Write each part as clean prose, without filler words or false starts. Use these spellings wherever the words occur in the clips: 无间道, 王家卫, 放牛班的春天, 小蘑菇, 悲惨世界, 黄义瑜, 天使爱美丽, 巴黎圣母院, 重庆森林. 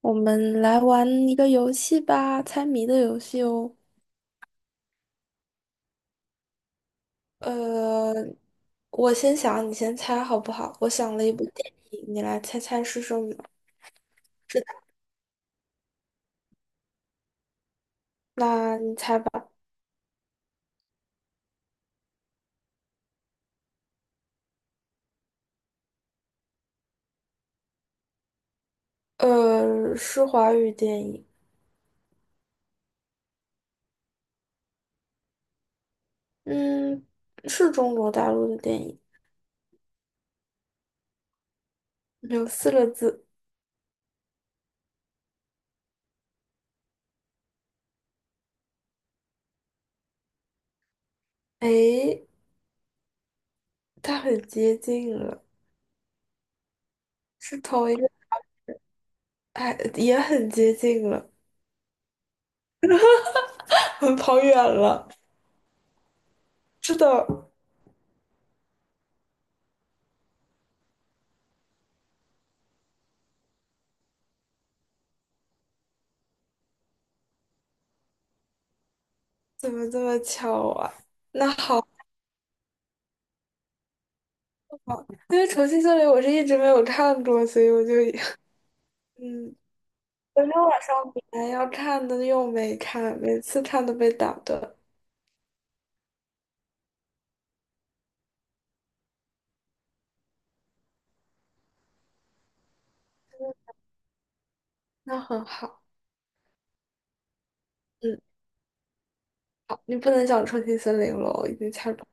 我们来玩一个游戏吧，猜谜的游戏哦。呃，我先想，你先猜好不好？我想了一部电影，你来猜猜是什么？那你猜吧。是华语电影，嗯，是中国大陆的电影，有4个字。诶，它很接近了，是同一个，哎，也很接近了，跑远了。是的，怎么这么巧啊？那好。哦，因为《重庆森林》我是一直没有看过，所以我就 嗯，昨天晚上本来要看的又没看，每次看都被打断，那很好。嗯，好，你不能讲《重庆森林》了，我已经猜到。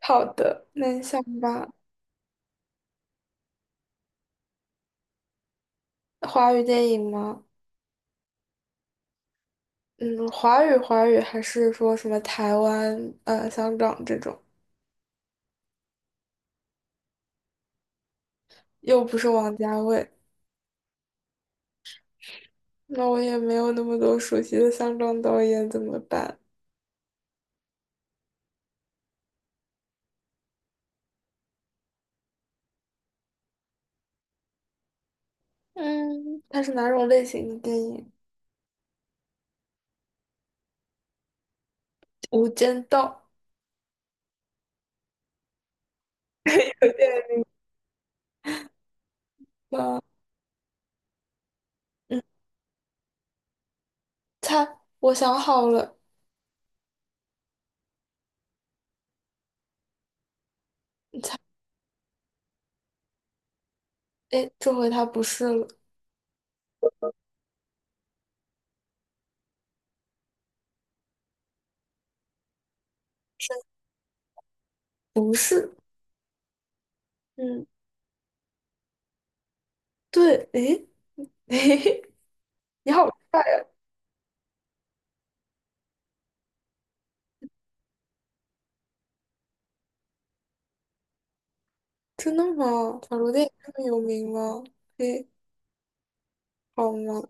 好的，那你想吧，华语电影吗？嗯，华语还是说什么台湾、香港这种，又不是王家卫，那我也没有那么多熟悉的香港导演，怎么办？嗯，它是哪种类型的电影？《无间道》。有点吗？嗯，他，我想好了，他，哎，这回他不是了，是不是，嗯，对，哎，嘿你好帅呀！真的吗？假如电影这么有名吗？嘿，好吗？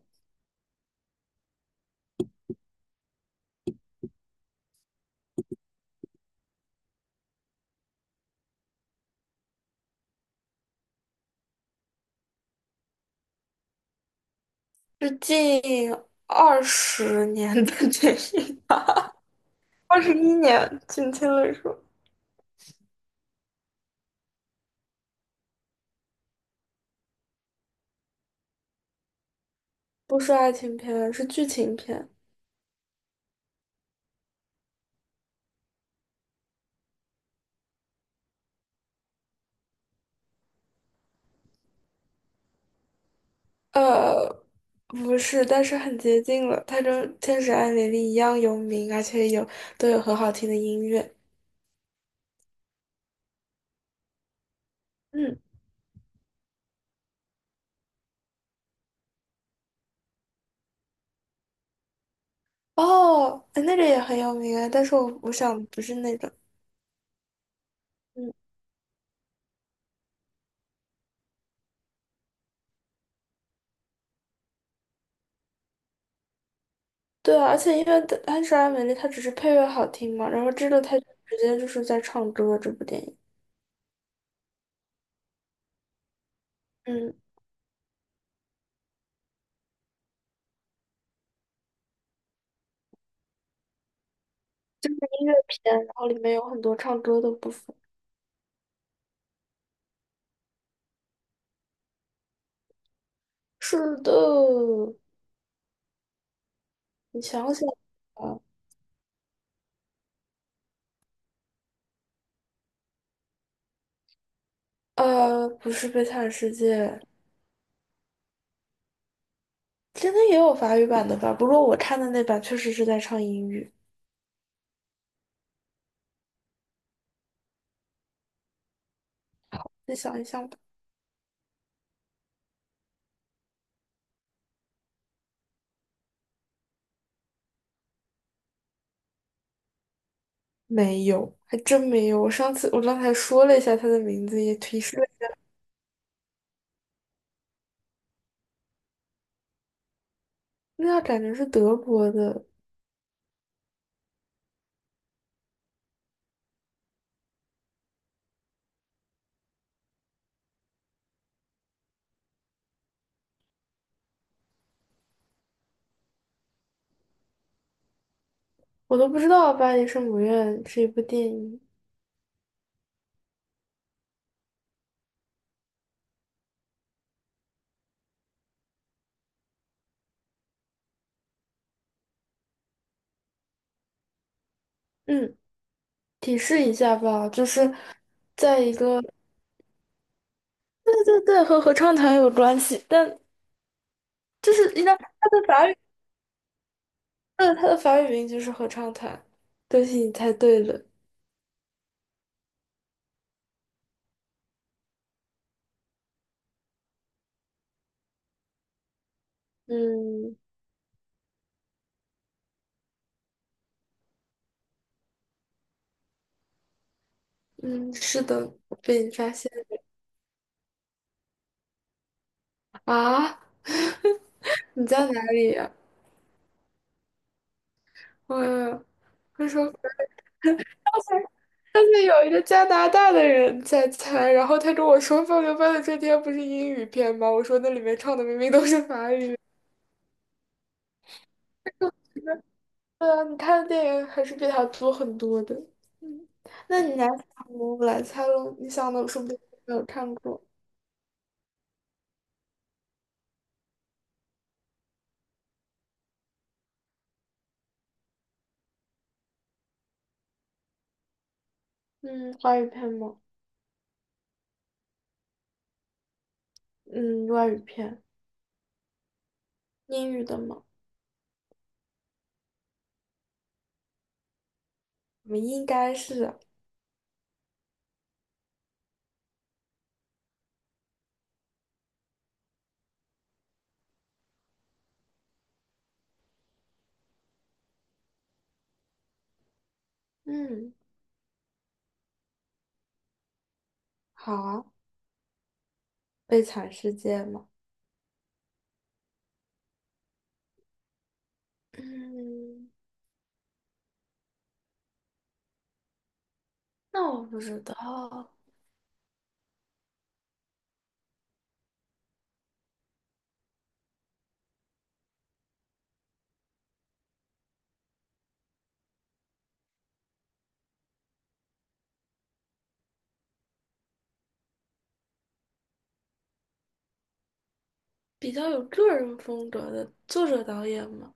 是近20年的电影吧？21年，准确的说，不是爱情片，是剧情片。呃，不是，但是很接近了。它跟《天使爱美丽》一样有名，而且都有很好听的音乐。嗯，哦，哎那个也很有名啊，但是我想不是那个。嗯，对啊，而且因为《天使爱美丽》它只是配乐好听嘛，然后这个它直接就是在唱歌这部电影。嗯，是音乐片，然后里面有很多唱歌的部分。是的，你想想啊，不是《悲惨世界》，现在也有法语版的吧？不过我看的那版确实是在唱英语。再想一想吧，没有，还真没有。我上次我刚才说了一下它的名字，也提示了，那感觉是德国的，我都不知道《巴黎圣母院》是一部电影。嗯，提示一下吧，就是在一个，对对对，和合唱团有关系，但就是应该它的法语，嗯，它的法语名就是合唱团。恭喜你猜对了，嗯嗯，是的，被你发现了。啊，你在哪里呀？我我说上次有一个加拿大的人在猜，然后他跟我说《放牛班的春天》不是英语片吗？我说那里面唱的明明都是法语。对啊，你看的电影还是比他多很多的。嗯，那你拿《小蘑菇》来猜喽，你想的说不定没有看过。嗯，华语片吗？嗯，外语片，英语的吗？我们应该是。嗯，好啊，悲惨世界吗？嗯，那我不知道。比较有个人风格的作者导演吗？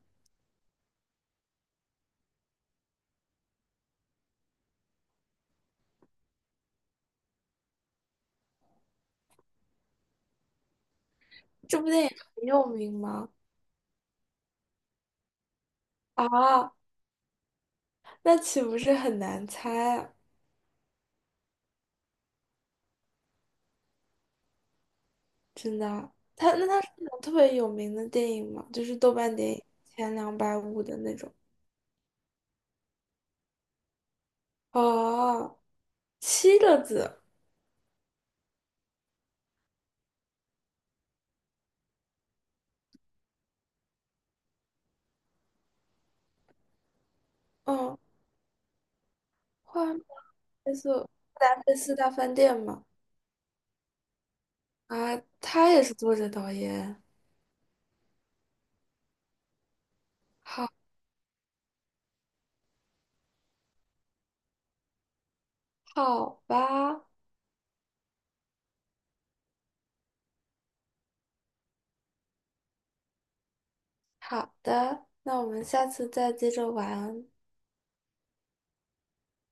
这部电影很有名吗？啊，那岂不是很难猜啊？真的啊他是那种特别有名的电影吗？就是豆瓣电影前250的那种。哦，7个字，嗯，花黑色达菲斯大饭店嘛。啊，他也是作者导演。好，好吧，好的，那我们下次再接着玩，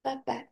拜拜。